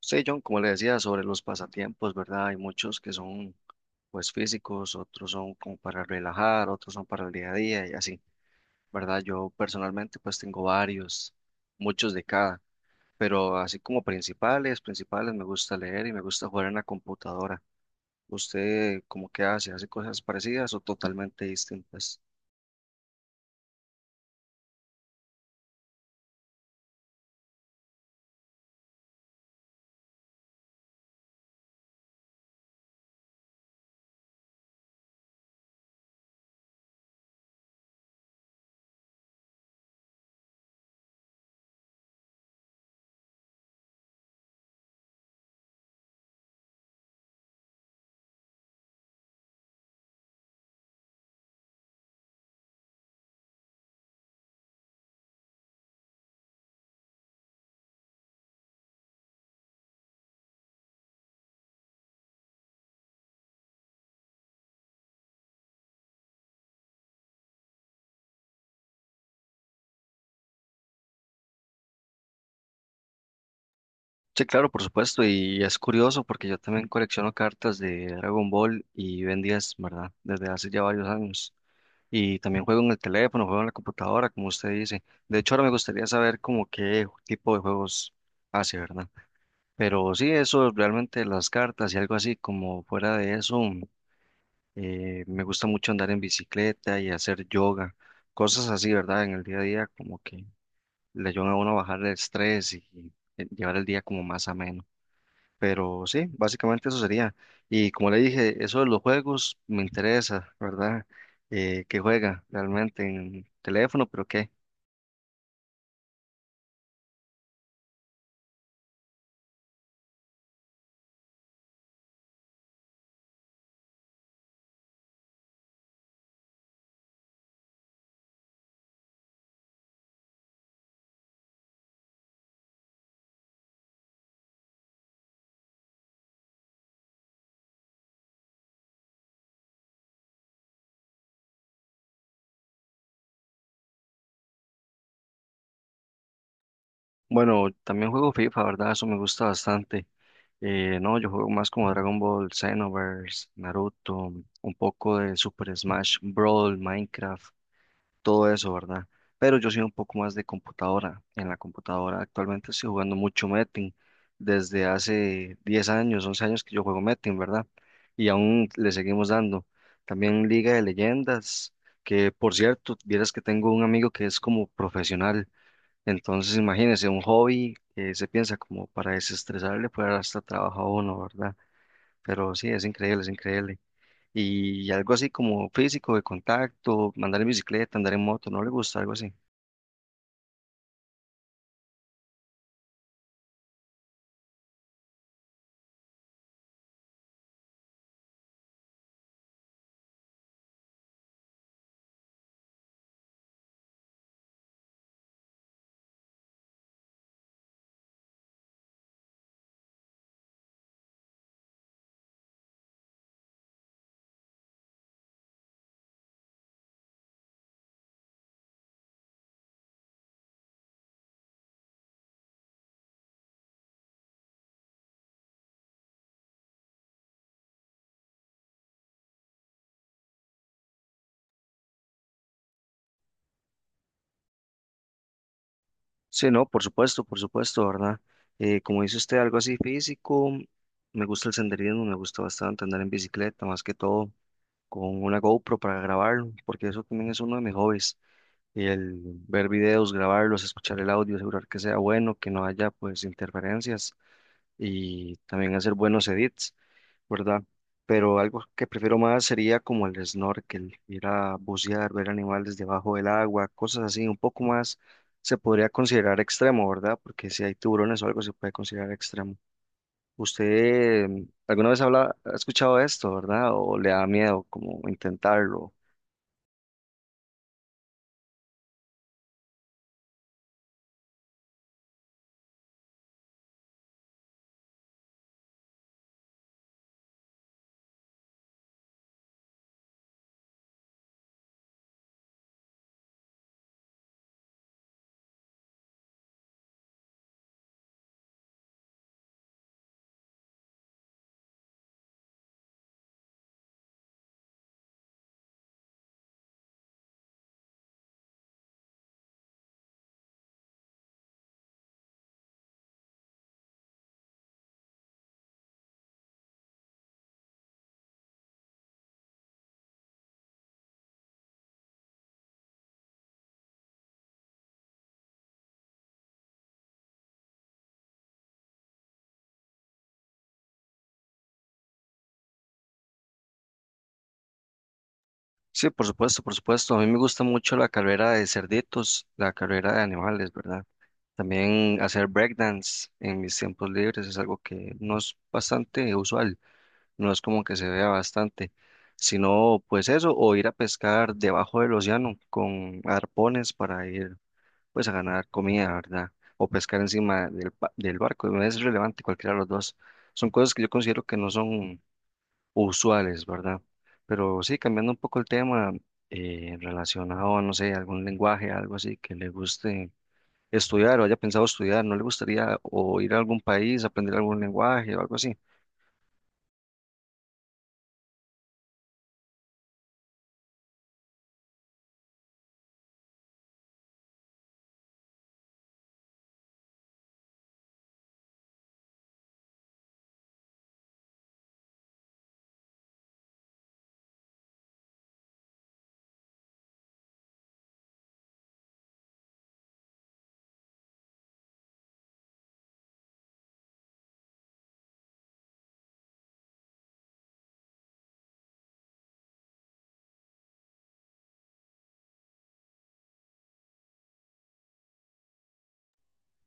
Sí, John, como le decía, sobre los pasatiempos, ¿verdad? Hay muchos que son pues físicos, otros son como para relajar, otros son para el día a día y así, ¿verdad? Yo personalmente pues tengo varios, muchos de cada, pero así como principales, principales me gusta leer y me gusta jugar en la computadora. ¿Usted cómo que hace? ¿Hace cosas parecidas o totalmente distintas? Sí, claro, por supuesto, y es curioso porque yo también colecciono cartas de Dragon Ball y Ben 10, ¿verdad? Desde hace ya varios años. Y también juego en el teléfono, juego en la computadora, como usted dice. De hecho, ahora me gustaría saber como qué tipo de juegos hace, ¿verdad? Pero sí, eso realmente las cartas y algo así, como fuera de eso, me gusta mucho andar en bicicleta y hacer yoga, cosas así, ¿verdad? En el día a día, como que le ayudan a uno a bajar el estrés y llevar el día como más ameno. Pero sí, básicamente eso sería. Y como le dije, eso de los juegos me interesa, ¿verdad? ¿qué juega realmente en teléfono? ¿Pero qué? Bueno, también juego FIFA, ¿verdad? Eso me gusta bastante. No, yo juego más como Dragon Ball, Xenoverse, Naruto, un poco de Super Smash Brawl, Minecraft, todo eso, ¿verdad? Pero yo soy un poco más de computadora. En la computadora actualmente estoy jugando mucho Metin, desde hace 10 años, 11 años que yo juego Metin, ¿verdad? Y aún le seguimos dando. También Liga de Leyendas, que por cierto, vieras que tengo un amigo que es como profesional, entonces imagínense, un hobby que se piensa como para desestresarle, pues hasta trabaja uno, ¿verdad? Pero sí, es increíble, es increíble. Y algo así como físico, de contacto, andar en bicicleta, andar en moto, ¿no le gusta algo así? Sí, no, por supuesto, ¿verdad? Como dice usted, algo así físico, me gusta el senderismo, me gusta bastante andar en bicicleta, más que todo con una GoPro para grabarlo, porque eso también es uno de mis hobbies, el ver videos, grabarlos, escuchar el audio, asegurar que sea bueno, que no haya pues interferencias y también hacer buenos edits, ¿verdad? Pero algo que prefiero más sería como el snorkel, ir a bucear, ver animales debajo del agua, cosas así, un poco más se podría considerar extremo, ¿verdad? Porque si hay tiburones o algo se puede considerar extremo. ¿Usted alguna vez habla, ha escuchado esto, ¿verdad? ¿O le da miedo como intentarlo? Sí, por supuesto, por supuesto. A mí me gusta mucho la carrera de cerditos, la carrera de animales, ¿verdad? También hacer breakdance en mis tiempos libres es algo que no es bastante usual, no es como que se vea bastante, sino pues eso, o ir a pescar debajo del océano con arpones para ir pues a ganar comida, ¿verdad? O pescar encima del barco, no es relevante cualquiera de los dos. Son cosas que yo considero que no son usuales, ¿verdad? Pero sí, cambiando un poco el tema, relacionado a, no sé, algún lenguaje, algo así que le guste estudiar o haya pensado estudiar, ¿no le gustaría o ir a algún país, aprender algún lenguaje o algo así?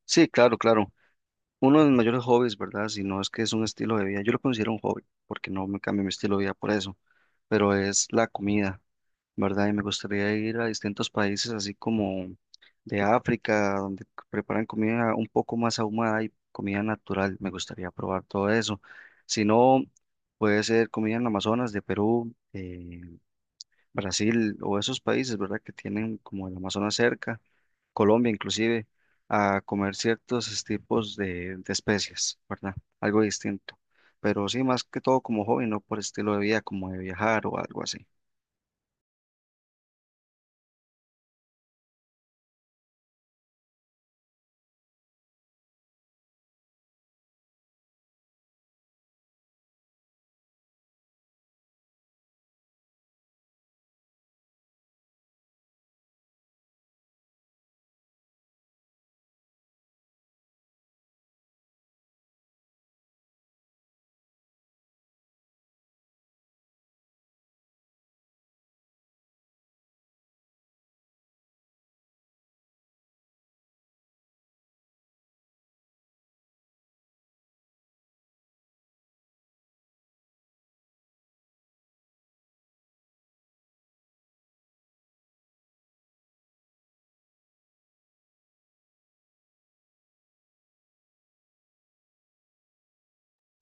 Sí, claro, claro. Uno de los mayores hobbies, ¿verdad? Si no es que es un estilo de vida, yo lo considero un hobby, porque no me cambio mi estilo de vida por eso, pero es la comida, ¿verdad? Y me gustaría ir a distintos países, así como de África, donde preparan comida un poco más ahumada y comida natural. Me gustaría probar todo eso. Si no, puede ser comida en Amazonas de Perú, Brasil o esos países, ¿verdad? Que tienen como el Amazonas cerca, Colombia inclusive, a comer ciertos tipos de especies, ¿verdad? Algo distinto. Pero sí, más que todo como hobby, no por estilo de vida, como de viajar o algo así.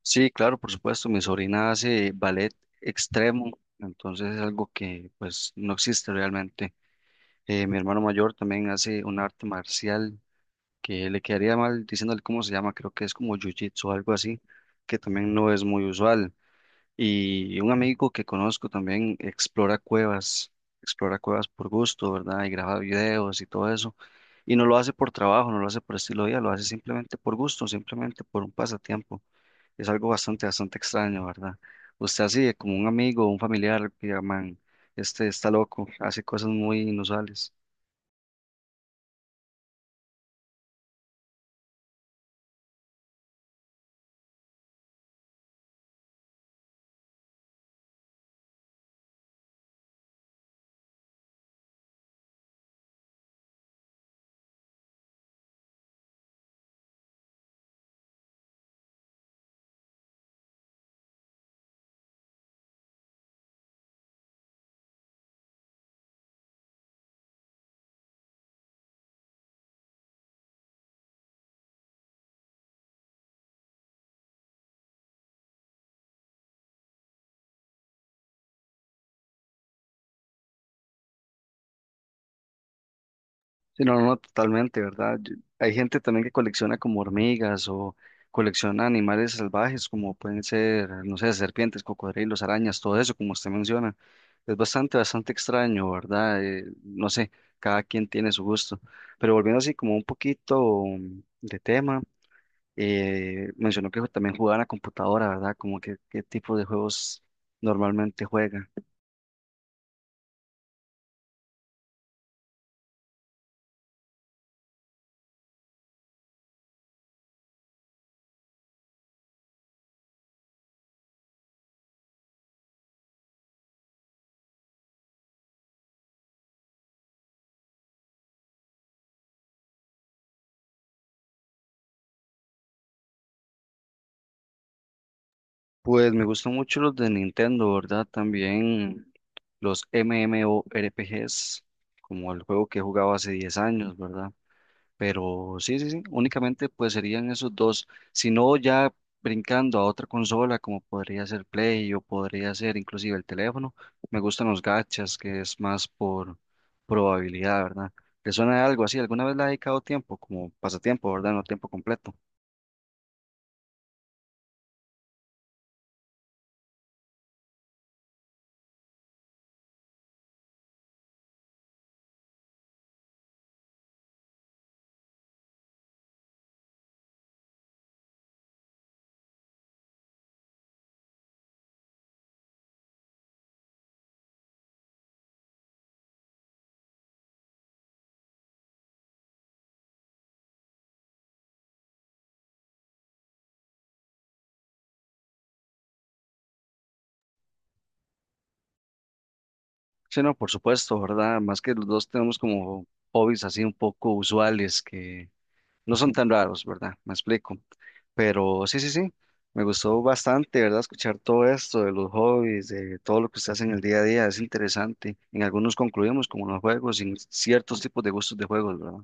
Sí, claro, por supuesto, mi sobrina hace ballet extremo, entonces es algo que pues no existe realmente. Mi hermano mayor también hace un arte marcial que le quedaría mal diciéndole cómo se llama, creo que es como jiu-jitsu o algo así, que también no es muy usual. Y un amigo que conozco también explora cuevas por gusto, ¿verdad? Y graba videos y todo eso. Y no lo hace por trabajo, no lo hace por estilo de vida, lo hace simplemente por gusto, simplemente por un pasatiempo. Es algo bastante, bastante extraño, ¿verdad? Usted así, de como un amigo, un familiar, que llaman, este está loco, hace cosas muy inusuales. Sí, no, no, totalmente, ¿verdad? Hay gente también que colecciona como hormigas o colecciona animales salvajes como pueden ser, no sé, serpientes, cocodrilos, arañas, todo eso, como usted menciona. Es bastante, bastante extraño, ¿verdad? No sé, cada quien tiene su gusto. Pero volviendo así como un poquito de tema, mencionó que también jugaba en la computadora, ¿verdad? Como que qué tipo de juegos normalmente juega. Pues me gustan mucho los de Nintendo, ¿verdad? También los MMORPGs, como el juego que he jugado hace 10 años, ¿verdad? Pero sí, sí, sí, únicamente pues serían esos dos. Si no, ya brincando a otra consola, como podría ser Play o podría ser inclusive el teléfono, me gustan los gachas, que es más por probabilidad, ¿verdad? ¿Le suena algo así? ¿Alguna vez le ha dedicado tiempo, como pasatiempo, ¿verdad? No tiempo completo. Sí, no, por supuesto, ¿verdad? Más que los dos tenemos como hobbies así un poco usuales que no son tan raros, ¿verdad? Me explico. Pero sí, sí, sí, me gustó bastante, ¿verdad? Escuchar todo esto de los hobbies, de todo lo que usted hace en el día a día, es interesante. En algunos concluimos como los juegos, en ciertos tipos de gustos de juegos, ¿verdad?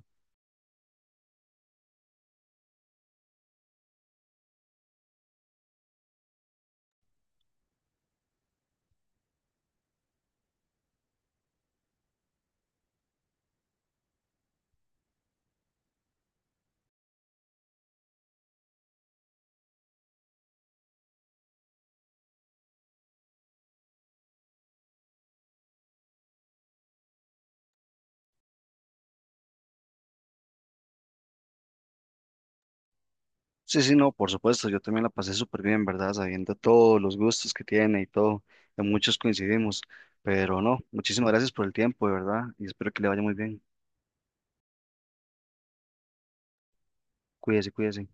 Sí, sí, no, por supuesto, yo también la pasé súper bien, ¿verdad? Sabiendo todos los gustos que tiene y todo, en muchos coincidimos, pero no, muchísimas gracias por el tiempo, de verdad, y espero que le vaya muy bien. Cuídese, cuídese.